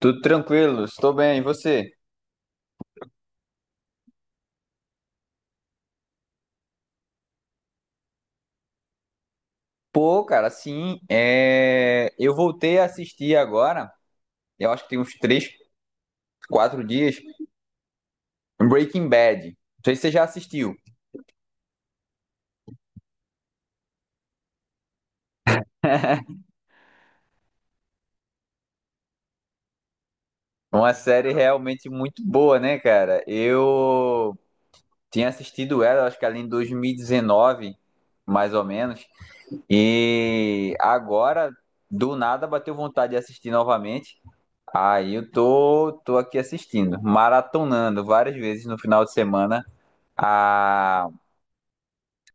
Tudo tranquilo, estou bem. E você? Pô, cara, sim, eu voltei a assistir agora, eu acho que tem uns três, quatro dias, Breaking Bad. Não sei se você já assistiu. Uma série realmente muito boa, né, cara? Eu tinha assistido ela, acho que ali em 2019, mais ou menos, e agora, do nada, bateu vontade de assistir novamente. Aí eu tô aqui assistindo, maratonando várias vezes no final de semana. a,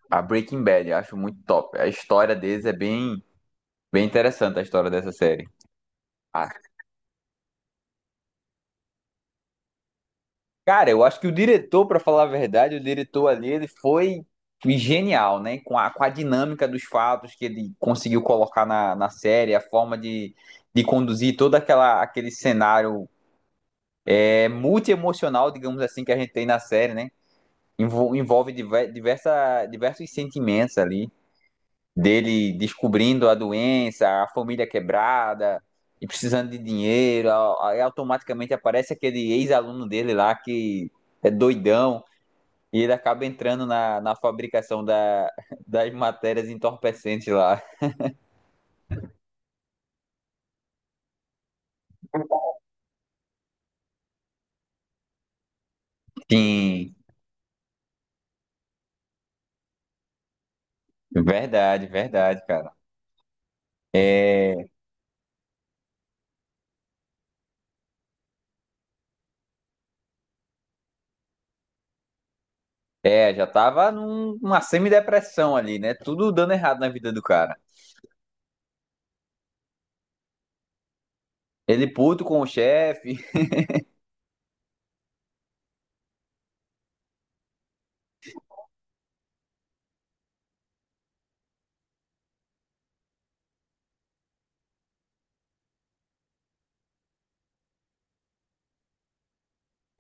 a Breaking Bad. Eu acho muito top. A história deles é bem interessante, a história dessa série. Ah, cara, eu acho que o diretor, pra falar a verdade, o diretor ali, ele foi genial, né? Com a dinâmica dos fatos que ele conseguiu colocar na série, a forma de conduzir aquele cenário multi-emocional, digamos assim, que a gente tem na série, né? Envolve diversos sentimentos ali. Dele descobrindo a doença, a família quebrada e precisando de dinheiro, aí automaticamente aparece aquele ex-aluno dele lá que é doidão e ele acaba entrando na fabricação da, das matérias entorpecentes lá. Sim, verdade, verdade, cara. É, já tava numa semidepressão ali, né? Tudo dando errado na vida do cara. Ele puto com o chefe.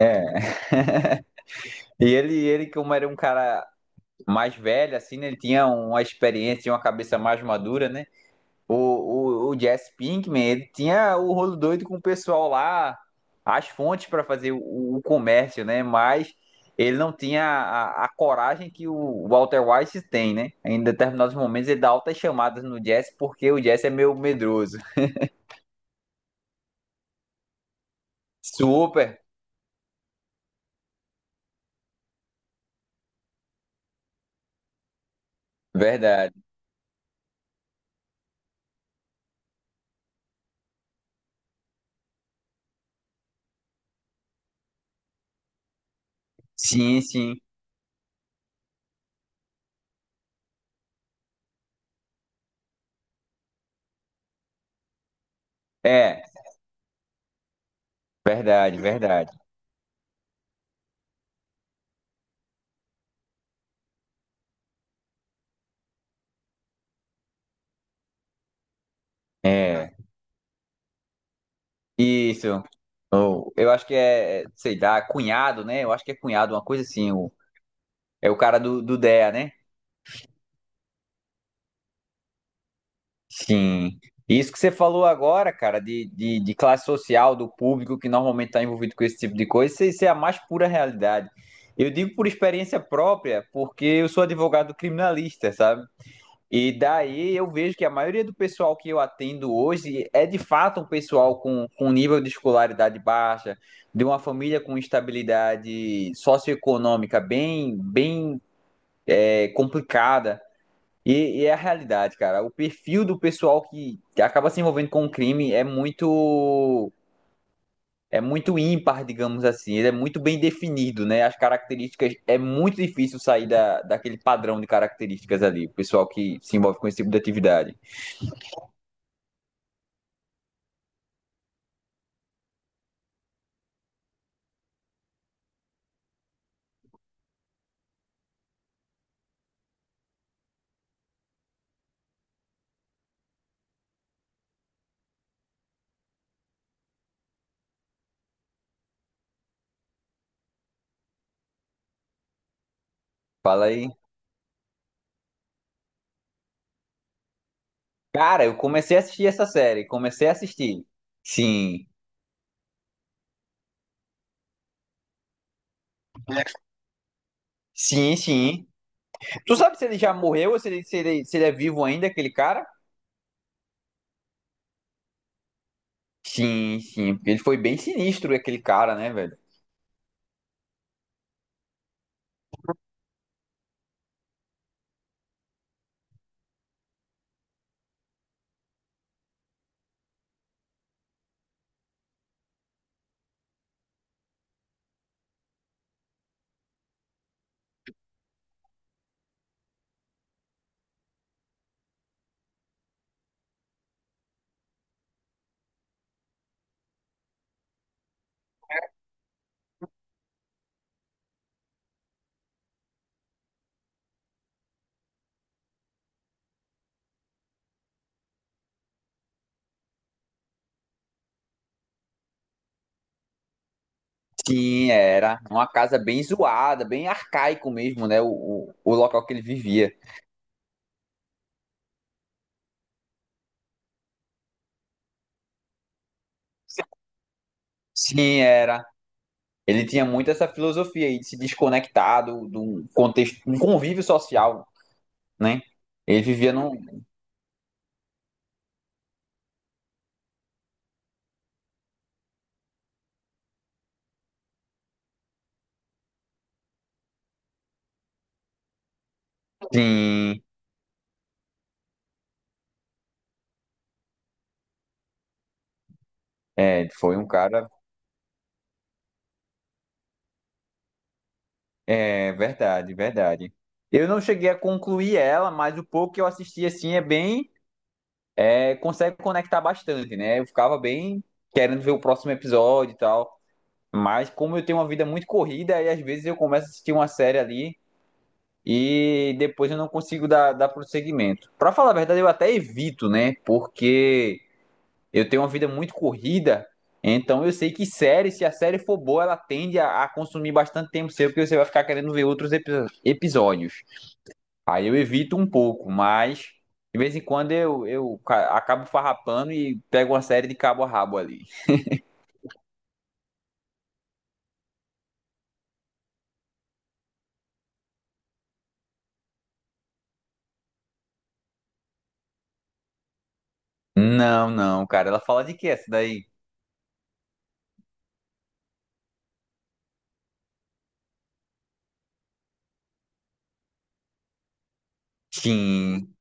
É. E ele, como era um cara mais velho, assim, né? Ele tinha uma experiência, tinha uma cabeça mais madura, né? O Jesse Pinkman, ele tinha o rolo doido com o pessoal lá, as fontes para fazer o comércio, né? Mas ele não tinha coragem que o Walter White tem, né? Em determinados momentos ele dá altas chamadas no Jesse porque o Jesse é meio medroso. Super, verdade. Sim, sim. É, verdade, verdade. É. Isso. Ou eu acho que sei lá, cunhado, né? Eu acho que é cunhado, uma coisa assim. O, é o cara do, do DEA, né? Sim. Isso que você falou agora, cara, de classe social, do público que normalmente está envolvido com esse tipo de coisa, isso é a mais pura realidade. Eu digo por experiência própria, porque eu sou advogado criminalista, sabe? E daí eu vejo que a maioria do pessoal que eu atendo hoje é de fato um pessoal com nível de escolaridade baixa, de uma família com estabilidade socioeconômica bem complicada. E é a realidade, cara. O perfil do pessoal que acaba se envolvendo com o crime é muito ímpar, digamos assim. Ele é muito bem definido, né? As características é muito difícil sair daquele padrão de características ali. O pessoal que se envolve com esse tipo de atividade. Fala aí. Cara, eu comecei a assistir essa série. Comecei a assistir. Sim. Sim, sim. Tu sabe se ele já morreu ou se ele é vivo ainda, aquele cara? Sim, sim. Porque ele foi bem sinistro, aquele cara, né, velho? Sim, era. Uma casa bem zoada, bem arcaico mesmo, né? O local que ele vivia. Sim, era. Ele tinha muito essa filosofia aí de se desconectar do contexto, um convívio social, né? Ele vivia num. Sim, é, foi um cara. É verdade, verdade. Eu não cheguei a concluir ela, mas o pouco que eu assisti assim é bem, consegue conectar bastante, né? Eu ficava bem querendo ver o próximo episódio e tal, mas como eu tenho uma vida muito corrida, aí às vezes eu começo a assistir uma série ali e depois eu não consigo dar prosseguimento. Pra falar a verdade, eu até evito, né? Porque eu tenho uma vida muito corrida, então eu sei que série, se a série for boa, ela tende a consumir bastante tempo seu, porque você vai ficar querendo ver outros episódios. Aí eu evito um pouco, mas de vez em quando eu acabo farrapando e pego uma série de cabo a rabo ali. Não, não, cara. Ela fala de que essa daí? Sim,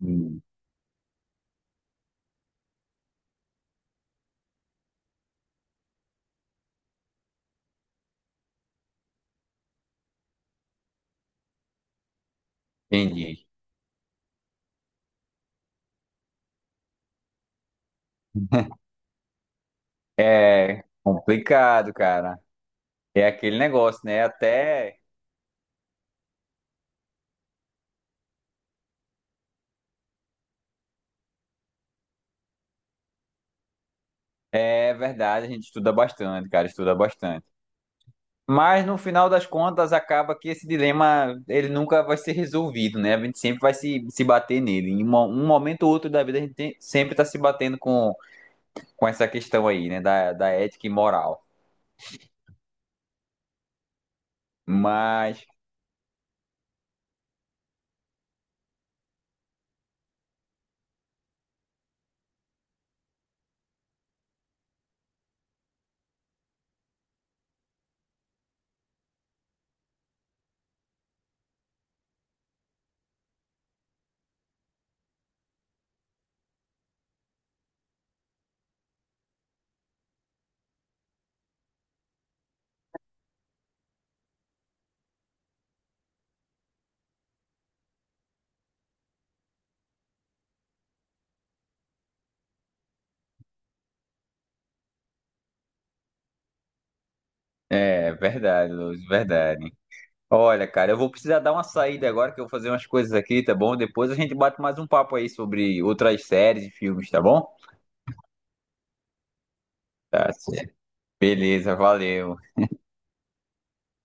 Hum, entendi. É complicado, cara. É aquele negócio, né? Até é verdade, a gente estuda bastante, cara, estuda bastante. Mas no final das contas, acaba que esse dilema ele nunca vai ser resolvido, né? A gente sempre vai se bater nele. Em um momento ou outro da vida, sempre está se batendo com essa questão aí, né, da ética e moral. Mas é, verdade, Luz, verdade. Olha, cara, eu vou precisar dar uma saída agora, que eu vou fazer umas coisas aqui, tá bom? Depois a gente bate mais um papo aí sobre outras séries e filmes, tá bom? Tá certo. Beleza, valeu.